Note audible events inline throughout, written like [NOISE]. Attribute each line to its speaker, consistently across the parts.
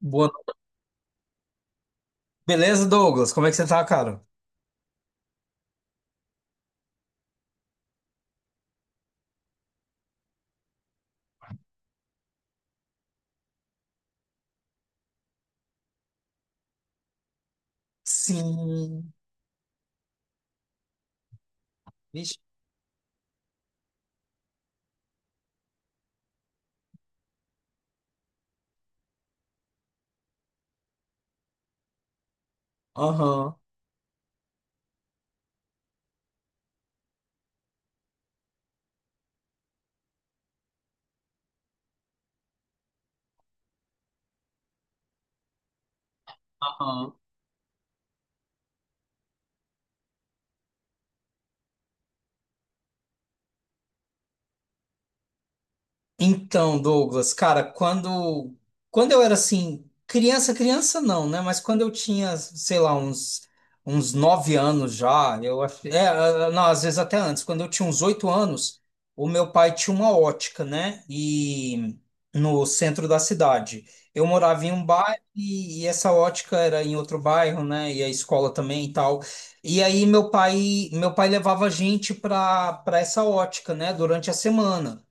Speaker 1: Boa no- Beleza, Douglas? Como é que você tá, cara? Sim. Vixe. Aham. Aham. Então, Douglas, cara, quando eu era assim, criança, criança não, né? Mas quando eu tinha, sei lá, uns 9 anos já, ah, não, às vezes até antes, quando eu tinha uns 8 anos, o meu pai tinha uma ótica, né? E no centro da cidade. Eu morava em um bairro e essa ótica era em outro bairro, né? E a escola também e tal. E aí meu pai levava a gente para essa ótica, né? Durante a semana.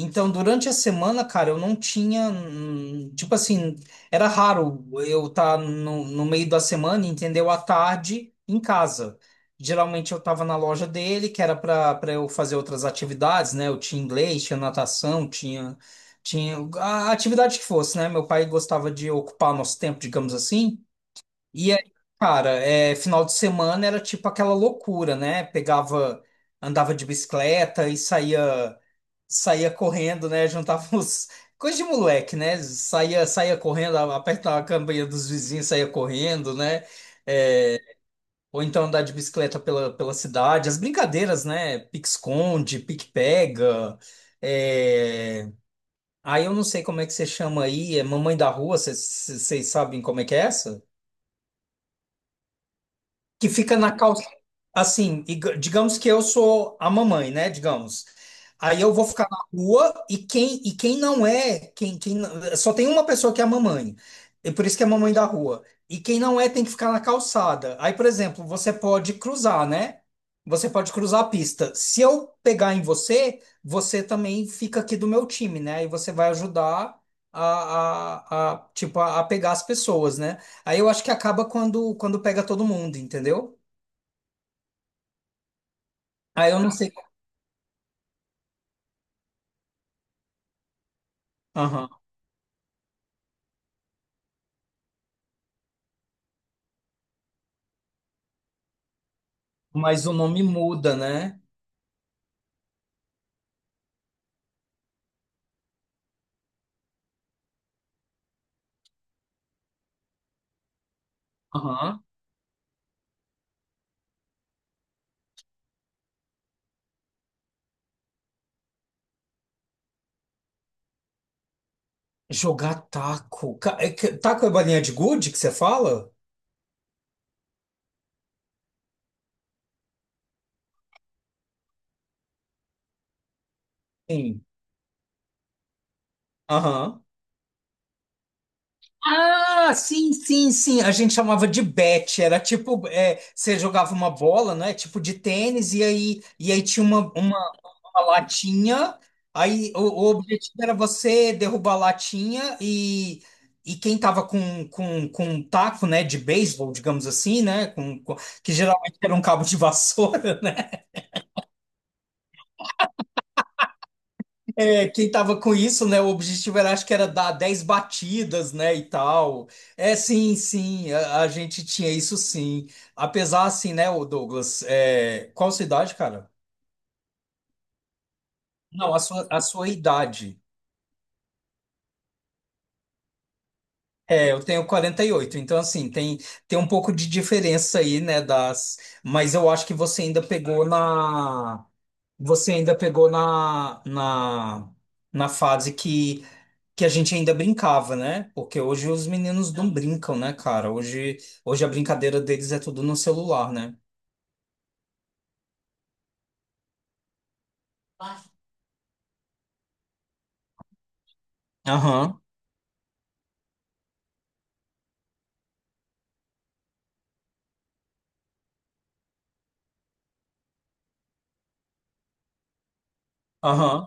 Speaker 1: Então, durante a semana, cara, eu não tinha. Tipo assim, era raro eu estar no meio da semana, entendeu? À tarde em casa. Geralmente eu estava na loja dele, que era para eu fazer outras atividades, né? Eu tinha inglês, tinha natação, tinha a atividade que fosse, né? Meu pai gostava de ocupar nosso tempo, digamos assim. E aí, cara, final de semana era tipo aquela loucura, né? Pegava, andava de bicicleta e saía correndo, né? [LAUGHS] Juntava os. Coisa de moleque, né? Saía correndo, apertava a campanha dos vizinhos, saía correndo, né? É, ou então andar de bicicleta pela cidade. As brincadeiras, né? Pique-esconde, pique-pega. é, Aí eu não sei como é que você chama aí, é mamãe da rua, vocês sabem como é que é essa? Que fica na calça. Assim, digamos que eu sou a mamãe, né? Digamos. Aí eu vou ficar na rua e quem não é, quem, quem não- só tem uma pessoa que é a mamãe. E por isso que é a mamãe da rua. E quem não é tem que ficar na calçada. Aí, por exemplo, você pode cruzar, né? Você pode cruzar a pista. Se eu pegar em você, você também fica aqui do meu time, né? Aí você vai ajudar a, a, tipo, a pegar as pessoas, né? Aí eu acho que acaba quando pega todo mundo, entendeu? Aí eu não sei. Aham. Mas o nome muda, né? Aham. Jogar taco. Taco é bolinha de gude que você fala? Sim. Aham. Ah, sim, sim, sim. A gente chamava de bet. Era tipo, você jogava uma bola, né? Tipo de tênis, e aí tinha uma, uma latinha. Aí o objetivo era você derrubar a latinha e quem tava com um taco, né, de beisebol, digamos assim, né, que geralmente era um cabo de vassoura. [LAUGHS] Quem tava com isso, né, o objetivo era, acho que era dar 10 batidas, né, e tal. Sim, sim, a gente tinha isso sim. Apesar, assim, né, o Douglas, qual sua idade, cara? Não, a sua idade. Eu tenho 48. Então assim, tem um pouco de diferença aí, né, das, mas eu acho que você ainda pegou na fase que a gente ainda brincava, né? Porque hoje os meninos não brincam, né, cara? Hoje a brincadeira deles é tudo no celular, né? Aham, aham.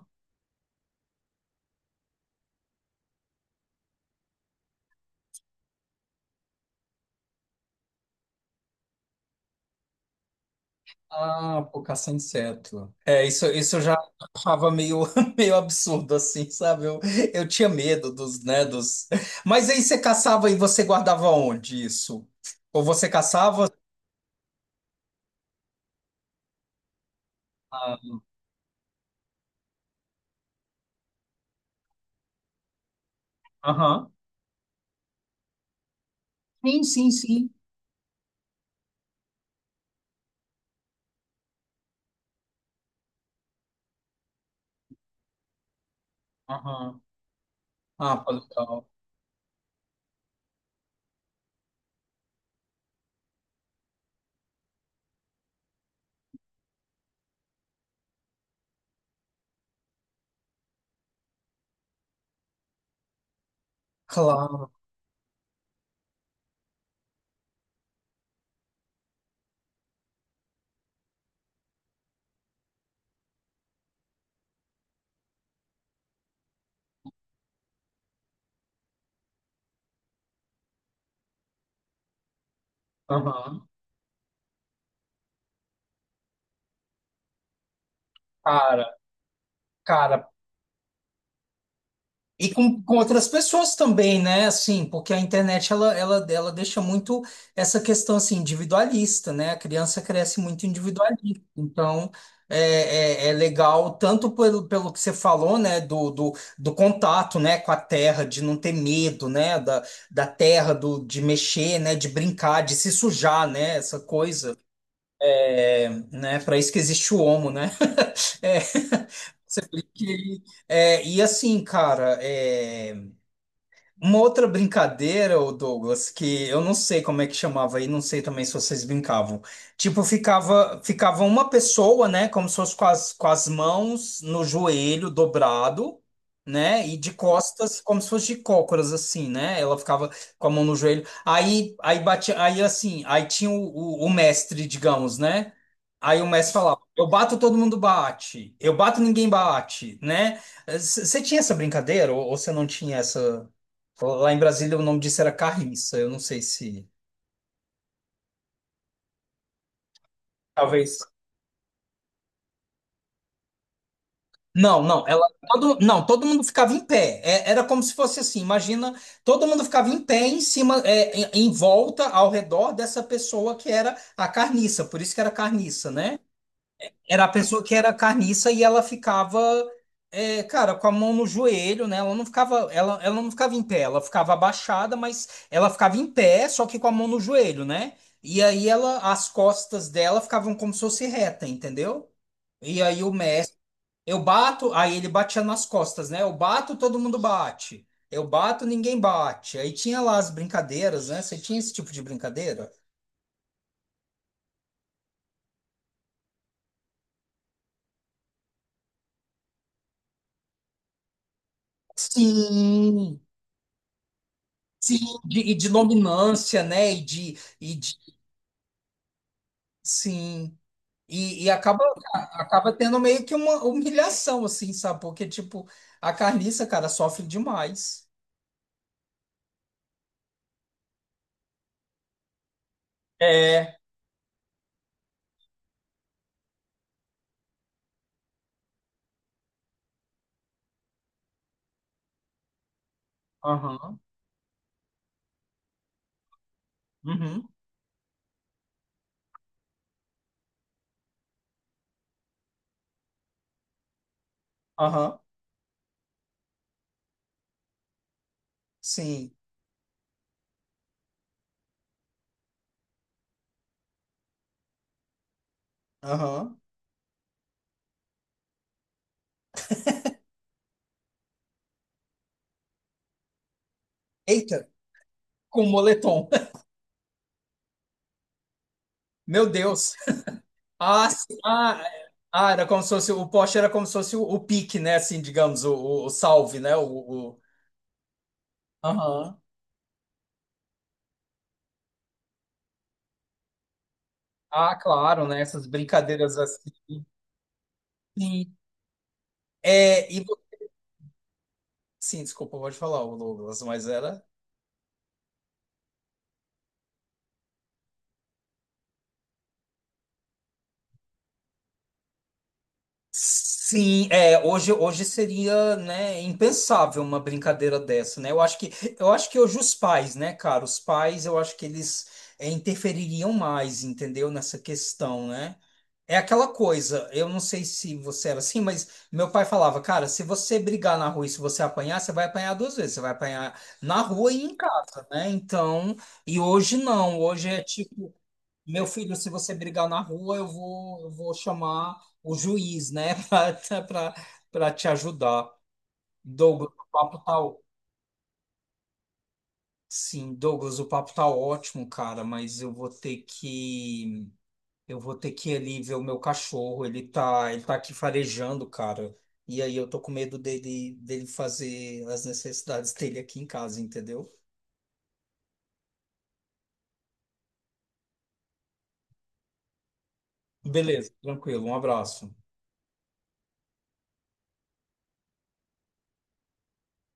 Speaker 1: Ah, por caça a inseto. Isso, eu já achava meio, [LAUGHS] meio absurdo, assim, sabe? Eu tinha medo dos, né, dos... Mas aí você caçava e você guardava onde isso? Ou você caçava... Ah, aham. Sim, sim, sim. Aham. Ah, pô, legal. Claro. Aham. Cara, cara, e com outras pessoas também, né? Assim, porque a internet ela deixa muito essa questão assim, individualista, né? A criança cresce muito individualista. Então, é legal tanto pelo que você falou, né? Do contato, né? Com a terra, de não ter medo, né? Da terra, de mexer, né? De brincar, de se sujar, né? Essa coisa, né? Para isso que existe o homo, né? [LAUGHS] É, você vê que, e assim, cara. Uma outra brincadeira, ô Douglas, que eu não sei como é que chamava aí, não sei também se vocês brincavam. Tipo, ficava uma pessoa, né, como se fosse com as mãos no joelho dobrado, né, e de costas, como se fosse de cócoras, assim, né? Ela ficava com a mão no joelho. Aí batia, aí assim, aí tinha o mestre, digamos, né? Aí o mestre falava, eu bato, todo mundo bate. Eu bato, ninguém bate, né? Você tinha essa brincadeira ou você não tinha essa? Lá em Brasília o nome disso era carriça. Eu não sei se. Talvez. Não, não, não, todo mundo ficava em pé. Era como se fosse assim, imagina, todo mundo ficava em pé em cima, em volta, ao redor dessa pessoa que era a carniça, por isso que era carniça, né? Era a pessoa que era carniça e ela ficava, cara, com a mão no joelho, né? Ela não ficava, ela não ficava em pé, ela ficava abaixada, mas ela ficava em pé, só que com a mão no joelho, né? E aí as costas dela ficavam como se fosse reta, entendeu? E aí o mestre, eu bato, aí ele batia nas costas, né? Eu bato, todo mundo bate. Eu bato, ninguém bate. Aí tinha lá as brincadeiras, né? Você tinha esse tipo de brincadeira? Sim. Sim, e de dominância, né? E de sim. E acaba tendo meio que uma humilhação, assim, sabe? Porque, tipo, a carniça, cara, sofre demais. É. Aham. Uhum. Aham. Sim. Aham. Eita, com moletom. [LAUGHS] Meu Deus. Ah, sim. Ah, é. Ah, era como se fosse, o poste era como se fosse o pique, né? Assim, digamos, o salve, né? O... Aham. Ah, claro, né? Essas brincadeiras assim. Sim. É, e, Sim, desculpa, pode falar, ô Douglas, mas era. Sim, hoje, seria, né, impensável uma brincadeira dessa, né? Eu acho que hoje os pais, né, cara, os pais, eu acho que eles interfeririam mais, entendeu, nessa questão, né? É aquela coisa, eu não sei se você era assim, mas meu pai falava, cara, se você brigar na rua e se você apanhar, você vai apanhar duas vezes, você vai apanhar na rua e em casa, né? Então, e hoje não, hoje é tipo meu filho, se você brigar na rua, eu vou chamar o juiz, né, [LAUGHS] para te ajudar. Douglas, o papo tá. ó- Sim, Douglas, o papo tá ótimo, cara, mas eu vou ter que ir ali ver o meu cachorro, ele tá aqui farejando, cara. E aí eu tô com medo dele fazer as necessidades dele aqui em casa, entendeu? Beleza, tranquilo. Um abraço.